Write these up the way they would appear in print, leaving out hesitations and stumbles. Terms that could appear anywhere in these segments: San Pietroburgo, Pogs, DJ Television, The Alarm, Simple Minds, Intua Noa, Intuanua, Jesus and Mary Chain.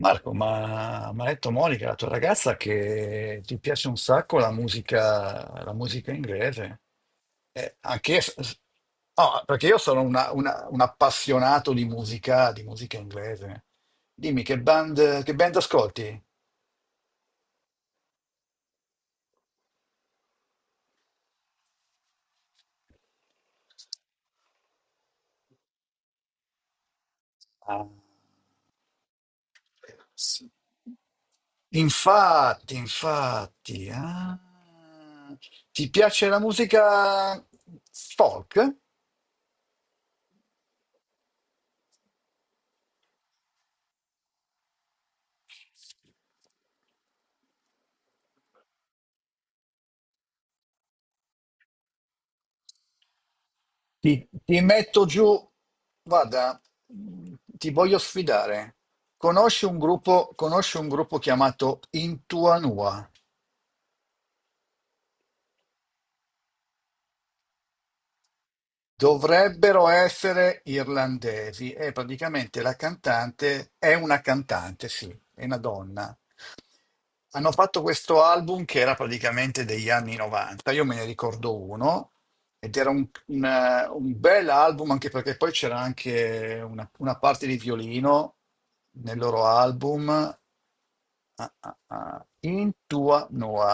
Marco, ma mi ha detto Monica, la tua ragazza, che ti piace un sacco la musica inglese. Eh, anche io- no, perché io sono un appassionato di musica inglese. Dimmi, che band ascolti? Ah, s- Infatti, infatti. Ah. Ti piace la musica folk? Ti metto giù, guarda, ti voglio sfidare. Conosci un gruppo chiamato Intuanua? Dovrebbero essere irlandesi e praticamente la cantante è una cantante, sì, è una donna. Hanno fatto questo album che era praticamente degli anni 90, io me ne ricordo uno, ed era un bel album anche perché poi c'era anche una parte di violino nel loro album. Ah. Intua Noa.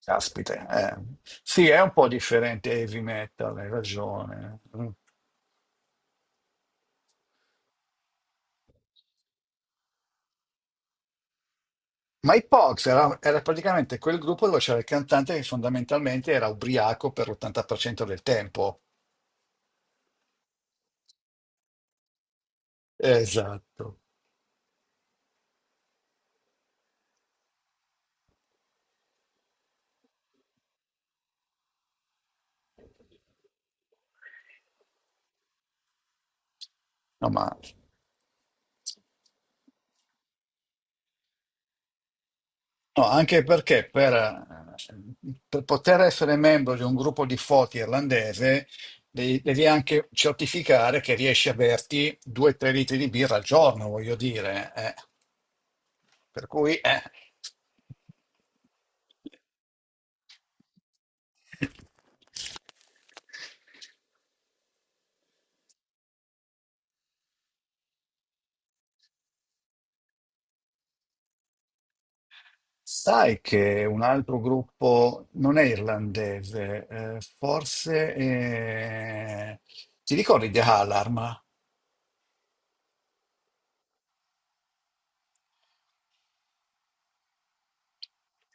Caspita, eh. Sì, è un po' differente heavy metal, hai ragione. Mm. Ma i Pogs era praticamente quel gruppo dove c'era il cantante che fondamentalmente era ubriaco per l'80% del tempo. Esatto. No, ma no, anche perché per poter essere membro di un gruppo di foti irlandese devi anche certificare che riesci a berti 2-3 litri di birra al giorno, voglio dire. Per cui. Sai che un altro gruppo non è irlandese, forse, ti ricordi The Alarm?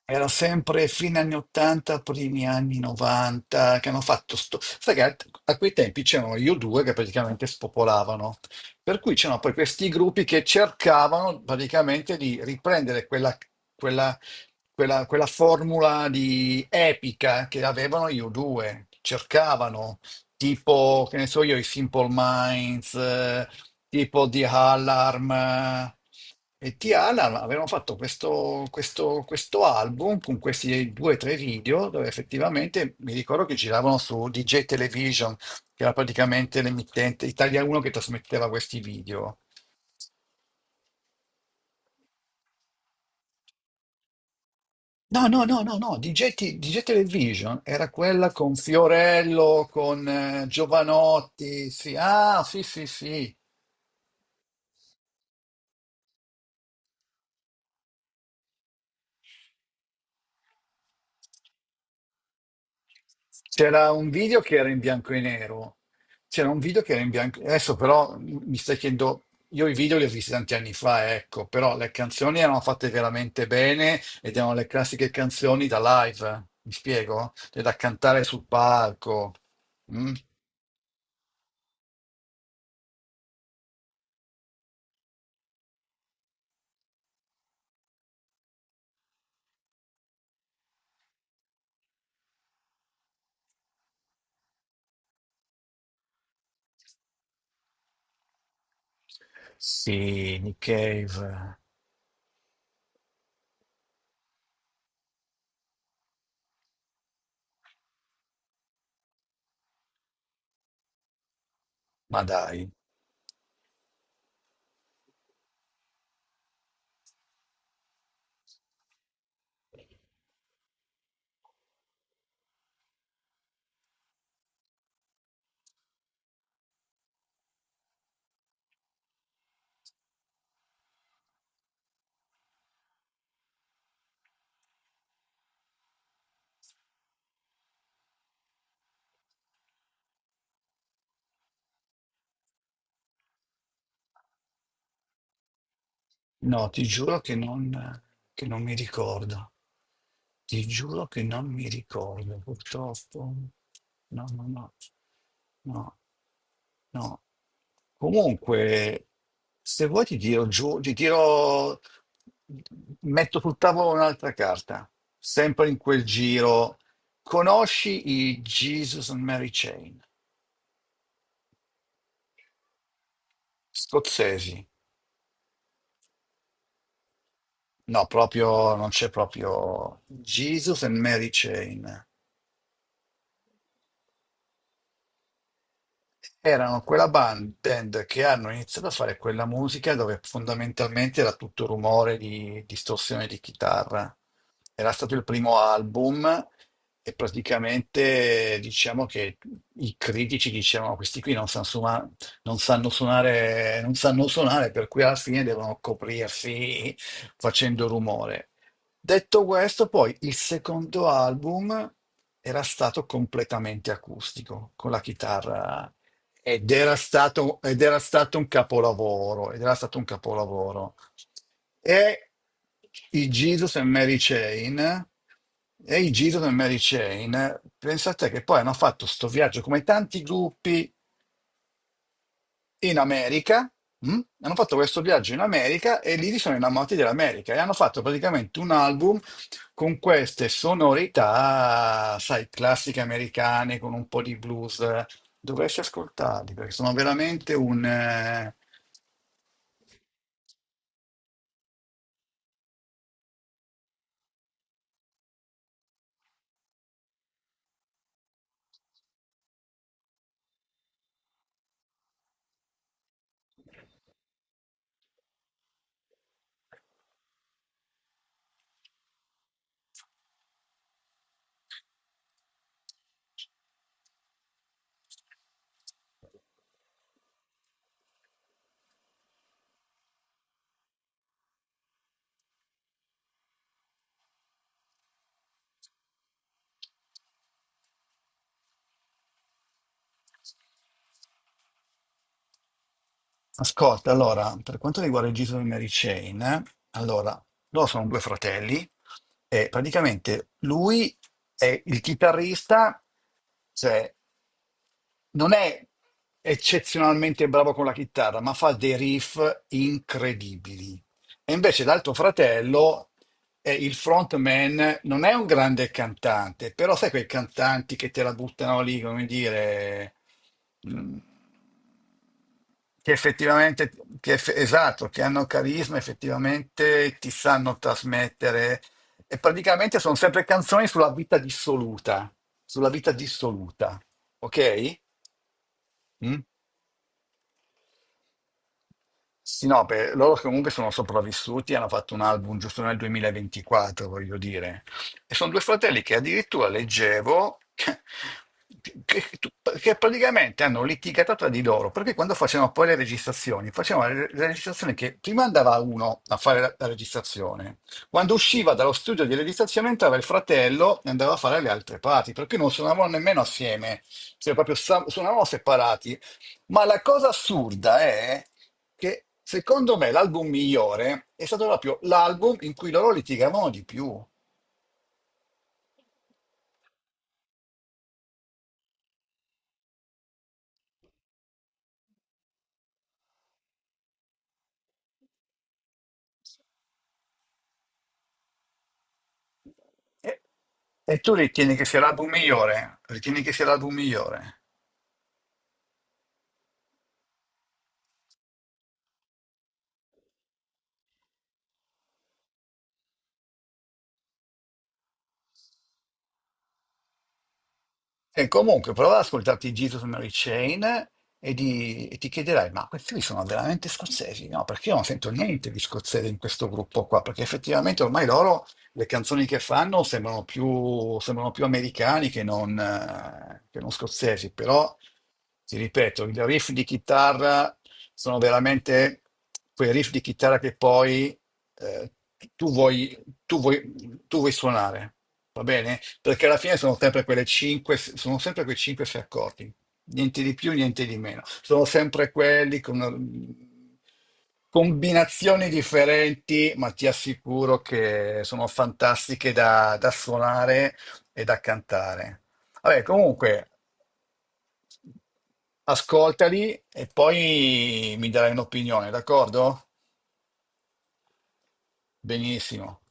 Era sempre fine anni 80, primi anni 90, che hanno fatto sto. Sai che a quei tempi c'erano io due che praticamente spopolavano, per cui c'erano poi questi gruppi che cercavano praticamente di riprendere quella, quella formula di epica che avevano io due, cercavano tipo, che ne so io, i Simple Minds, tipo di Alarm, e T Alarm avevano fatto questo album con questi due o tre video dove effettivamente mi ricordo che giravano su DJ Television, che era praticamente l'emittente Italia 1 che trasmetteva questi video. No, no, no, no, no, DJ Television era quella con Fiorello, con Giovanotti, sì, ah, sì, sì, sì. C'era un video che era in bianco e nero. C'era un video che era in bianco. Adesso però mi stai chiedendo, io i video li ho visti tanti anni fa, ecco, però le canzoni erano fatte veramente bene ed erano le classiche canzoni da live, mi spiego? Cioè, da cantare sul palco. Mm? Sì, Nick Cave, ma dai. No, ti giuro che non mi ricordo. Ti giuro che non mi ricordo, purtroppo. No, no, no, no, no. Comunque, se vuoi ti tiro giù, metto sul tavolo un'altra carta, sempre in quel giro. Conosci i Jesus and Mary Chain? Scozzesi. No, proprio, non c'è proprio Jesus and Mary Chain. Erano quella band che hanno iniziato a fare quella musica dove fondamentalmente era tutto rumore di distorsione di chitarra. Era stato il primo album e praticamente diciamo che i critici dicevano questi qui non sanno suonare, non sanno suonare, non sanno suonare, per cui alla fine devono coprirsi facendo rumore. Detto questo, poi il secondo album era stato completamente acustico, con la chitarra ed era stato un capolavoro, ed era stato un capolavoro. E i Jesus e Mary Chain, e i Jesus e Mary Chain, pensate che poi hanno fatto sto viaggio come tanti gruppi in America. Mh? Hanno fatto questo viaggio in America e lì si sono innamorati dell'America e hanno fatto praticamente un album con queste sonorità, sai, classiche americane con un po' di blues. Dovresti ascoltarli perché sono veramente un. Ascolta, allora, per quanto riguarda il giro di Mary Chain, allora, loro sono due fratelli e praticamente lui è il chitarrista, cioè non è eccezionalmente bravo con la chitarra, ma fa dei riff incredibili. E invece l'altro fratello, il frontman, non è un grande cantante, però sai quei cantanti che te la buttano lì, come dire, mm, che effettivamente, esatto, che hanno carisma, effettivamente ti sanno trasmettere. E praticamente sono sempre canzoni sulla vita dissoluta, ok? Mm? Sì, no, per loro che comunque sono sopravvissuti, hanno fatto un album giusto nel 2024, voglio dire. E sono due fratelli che addirittura leggevo che- che praticamente hanno litigato tra di loro, perché quando facevano poi le registrazioni, facevano le registrazioni che prima andava uno a fare la registrazione, quando usciva dallo studio di registrazione entrava il fratello e andava a fare le altre parti, perché non suonavano nemmeno assieme, cioè proprio suonavano separati. Ma la cosa assurda è che secondo me l'album migliore è stato proprio l'album in cui loro litigavano di più. E, e tu ritieni che sia l'album migliore? Ritieni che sia l'album migliore? E comunque prova ad ascoltarti Jesus Mary Chain e ti chiederai, ma questi qui sono veramente scozzesi? No, perché io non sento niente di scozzese in questo gruppo qua, perché effettivamente ormai loro le canzoni che fanno sembrano più americani che non scozzesi, però ti ripeto, i riff di chitarra sono veramente quei riff di chitarra che poi eh, tu vuoi, tu vuoi suonare. Va bene? Perché alla fine sono sempre quelle 5, sono sempre quei 5-6 accordi, niente di più, niente di meno. Sono sempre quelli con combinazioni differenti, ma ti assicuro che sono fantastiche da suonare e da cantare. Vabbè, comunque, ascoltali e poi mi darai un'opinione, d'accordo? Benissimo.